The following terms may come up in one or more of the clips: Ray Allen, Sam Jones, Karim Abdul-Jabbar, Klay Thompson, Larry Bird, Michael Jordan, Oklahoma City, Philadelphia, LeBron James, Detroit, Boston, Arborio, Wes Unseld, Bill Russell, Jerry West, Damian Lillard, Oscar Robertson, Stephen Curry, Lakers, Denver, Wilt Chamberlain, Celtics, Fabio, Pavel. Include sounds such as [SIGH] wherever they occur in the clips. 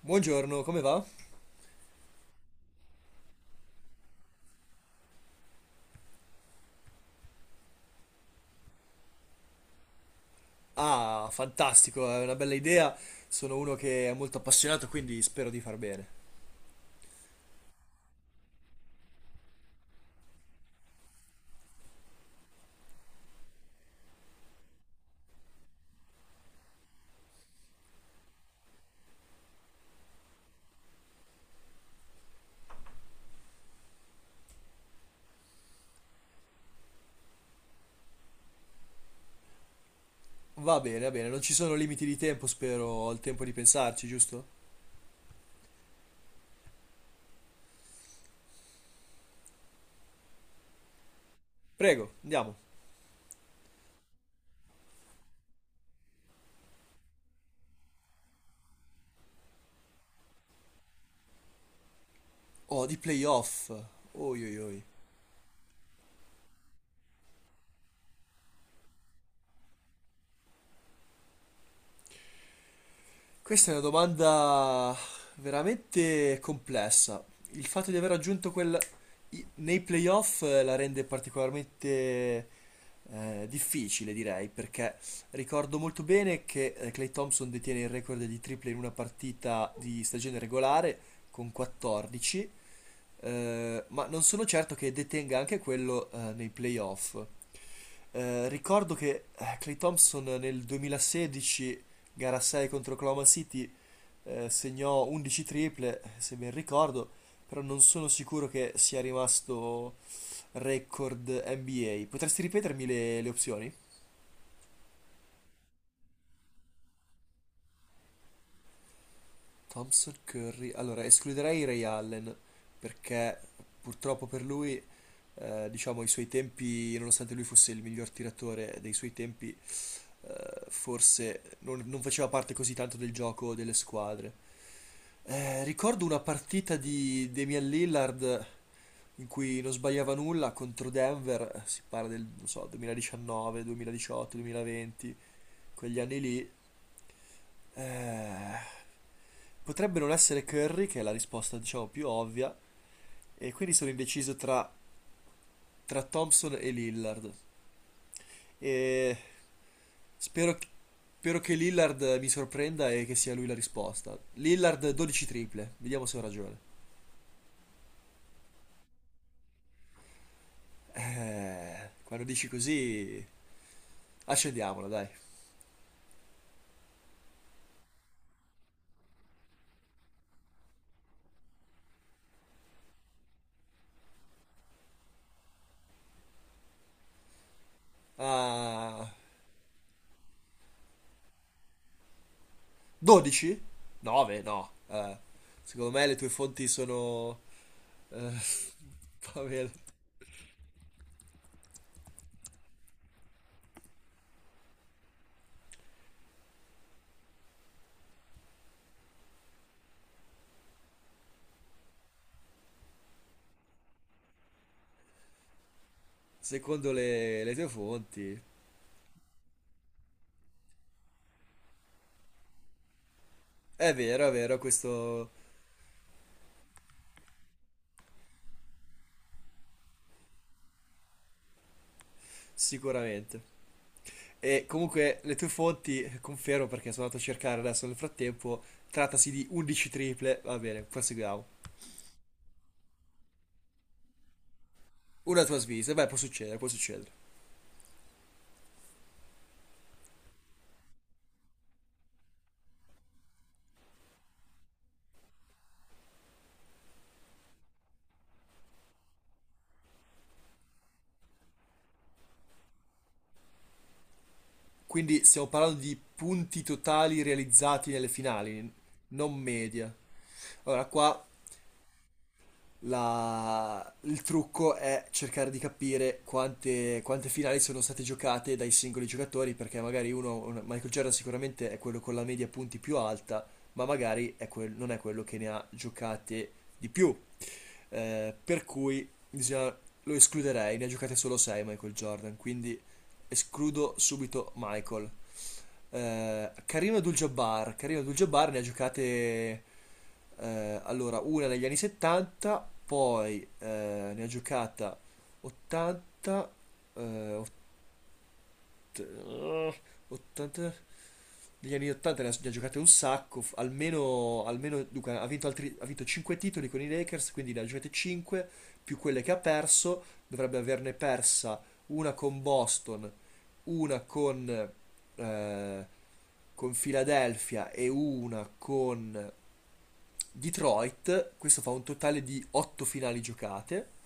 Buongiorno, come va? Ah, fantastico, è una bella idea. Sono uno che è molto appassionato, quindi spero di far bene. Va bene, va bene, non ci sono limiti di tempo, spero. Ho il tempo di pensarci, giusto? Prego, andiamo. Oh, di playoff. Oi oi oi. Questa è una domanda veramente complessa. Il fatto di aver raggiunto nei playoff la rende particolarmente difficile, direi, perché ricordo molto bene che Klay Thompson detiene il record di triple in una partita di stagione regolare con 14, ma non sono certo che detenga anche quello nei playoff. Ricordo che Clay Thompson nel 2016, gara 6 contro Oklahoma City, segnò 11 triple, se ben ricordo, però non sono sicuro che sia rimasto record NBA. Potresti ripetermi le opzioni? Thompson, Curry. Allora, escluderei Ray Allen, perché purtroppo per lui, diciamo, i suoi tempi, nonostante lui fosse il miglior tiratore dei suoi tempi, forse non faceva parte così tanto del gioco delle squadre. Ricordo una partita di Damian Lillard in cui non sbagliava nulla contro Denver, si parla del, non so, 2019, 2018, 2020, quegli anni lì. Eh, Potrebbe non essere Curry, che è la risposta, diciamo, più ovvia, e quindi sono indeciso tra Thompson e Lillard. E spero, spero che Lillard mi sorprenda e che sia lui la risposta. Lillard 12 triple, vediamo se ho ragione. Quando dici così, accendiamola, dai. Ah, 12? 9? No. Secondo me le tue fonti sono... eh, Pavel, [LAUGHS] secondo le tue fonti. È vero, questo sicuramente. E comunque le tue fonti, confermo perché sono andato a cercare adesso nel frattempo, trattasi di 11 triple. Va bene, proseguiamo. Una tua svista, beh, può succedere, può succedere. Quindi stiamo parlando di punti totali realizzati nelle finali, non media. Allora, il trucco è cercare di capire quante finali sono state giocate dai singoli giocatori, perché magari Michael Jordan sicuramente è quello con la media punti più alta, ma magari è non è quello che ne ha giocate di più. Eh, per cui bisogna- lo escluderei, ne ha giocate solo 6 Michael Jordan, quindi escludo subito Michael. Karim Abdul-Jabbar, Karim Abdul-Jabbar ne ha giocate allora, una negli anni 70, poi ne ha giocata 80, eh, ott- eh, 80, negli anni 80 ne ha giocate un sacco, almeno, almeno dunque, ha vinto 5 titoli con i Lakers, quindi ne ha giocate 5, più quelle che ha perso, dovrebbe averne persa una con Boston, una eh, con Philadelphia e una con Detroit, questo fa un totale di 8 finali giocate.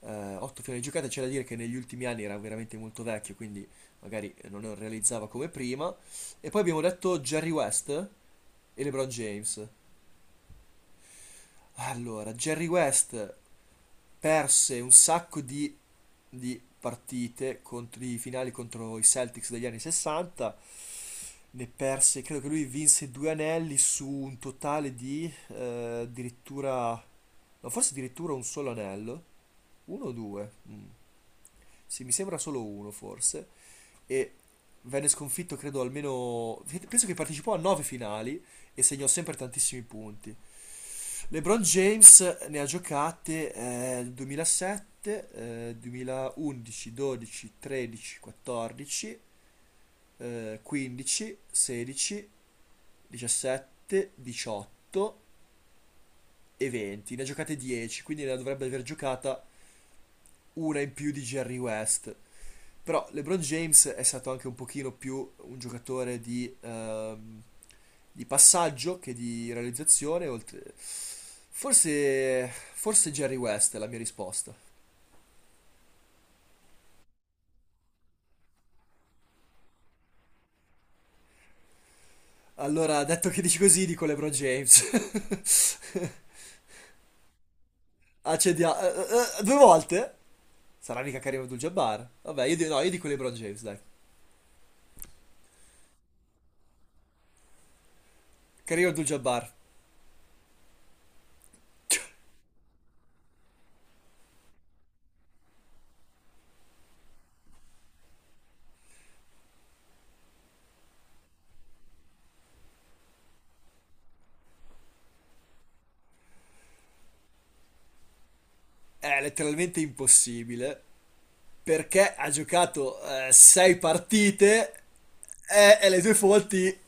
8 finali giocate, c'è da dire che negli ultimi anni era veramente molto vecchio, quindi magari non realizzava come prima. E poi abbiamo detto Jerry West e LeBron James. Allora, Jerry West perse un sacco di partite, contro, di finali contro i Celtics degli anni 60, ne perse, credo che lui vinse 2 anelli su un totale di addirittura, no, forse addirittura un solo anello. Uno o due? Mm. Sì, mi sembra solo uno forse. E venne sconfitto, credo, almeno... Penso che partecipò a 9 finali e segnò sempre tantissimi punti. LeBron James ne ha giocate 2007, 2011, 12, 13, 14, 15, 16, 17, 18 e 20. Ne ha giocate 10, quindi ne dovrebbe aver giocata una in più di Jerry West. Però LeBron James è stato anche un pochino più un giocatore di passaggio che di realizzazione. Forse, forse Jerry West è la mia risposta. Allora, detto che dici così, dico LeBron James. [LAUGHS] Accendiamo. Due volte? Sarà mica Karim Abdul-Jabbar? Vabbè, no, io dico LeBron James, dai. Karim Abdul-Jabbar è letteralmente impossibile perché ha giocato sei partite e le tue fonti.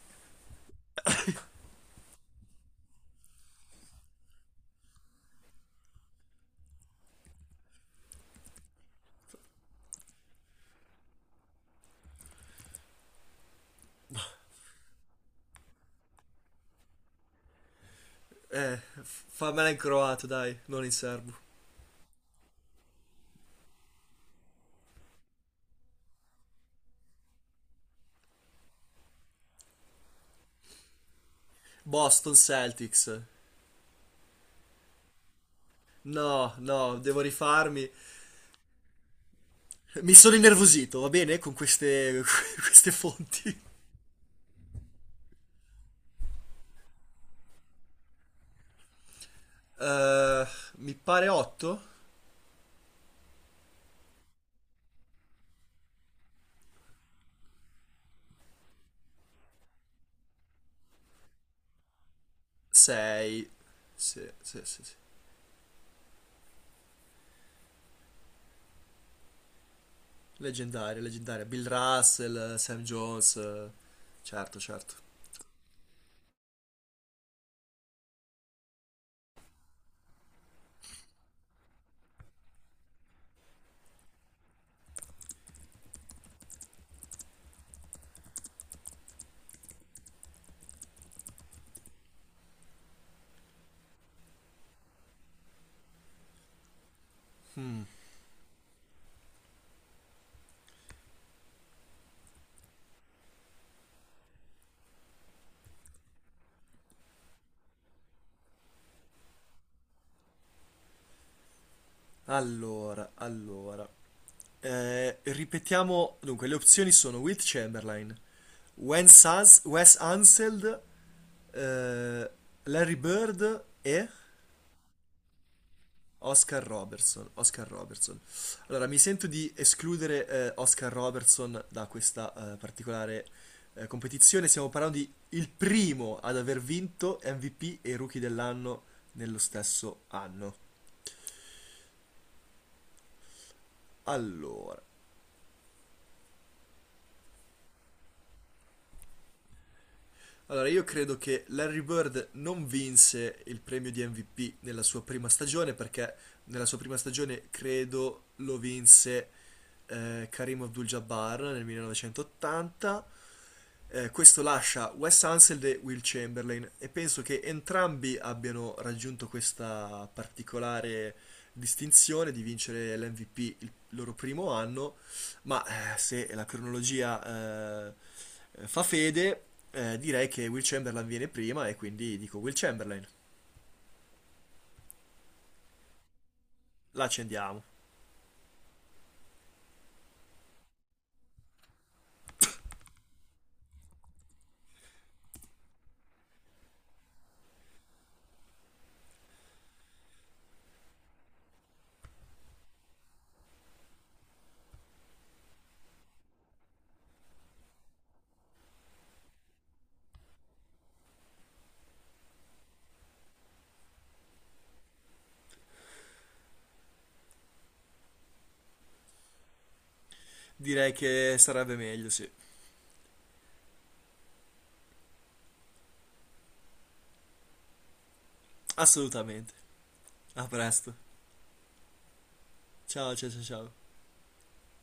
Eh, Fammela in croato, dai, non in serbo. Boston Celtics. No, no, devo rifarmi. Mi sono innervosito, va bene? Con queste, [LAUGHS] queste fonti. Eh, Mi pare 8? 6. Sì, sì, sì, sì. Leggendaria, leggendaria. Bill Russell, Sam Jones. Certo, certo. Allora, allora. Ripetiamo, dunque, le opzioni sono Wilt Chamberlain, Wes Unseld, eh, Larry Bird e Oscar Robertson. Oscar Robertson. Allora, mi sento di escludere Oscar Robertson da questa particolare competizione. Stiamo parlando di il primo ad aver vinto MVP e Rookie dell'anno nello stesso anno. Allora. Allora, io credo che Larry Bird non vinse il premio di MVP nella sua prima stagione, perché nella sua prima stagione credo lo vinse Karim Abdul-Jabbar nel 1980. Questo lascia Wes Unseld e Will Chamberlain e penso che entrambi abbiano raggiunto questa particolare distinzione di vincere l'MVP il loro primo anno ma se la cronologia fa fede, direi che Will Chamberlain viene prima e quindi dico Will Chamberlain. La accendiamo. Direi che sarebbe meglio, sì. Assolutamente. A presto. Ciao, ciao, ciao, ciao.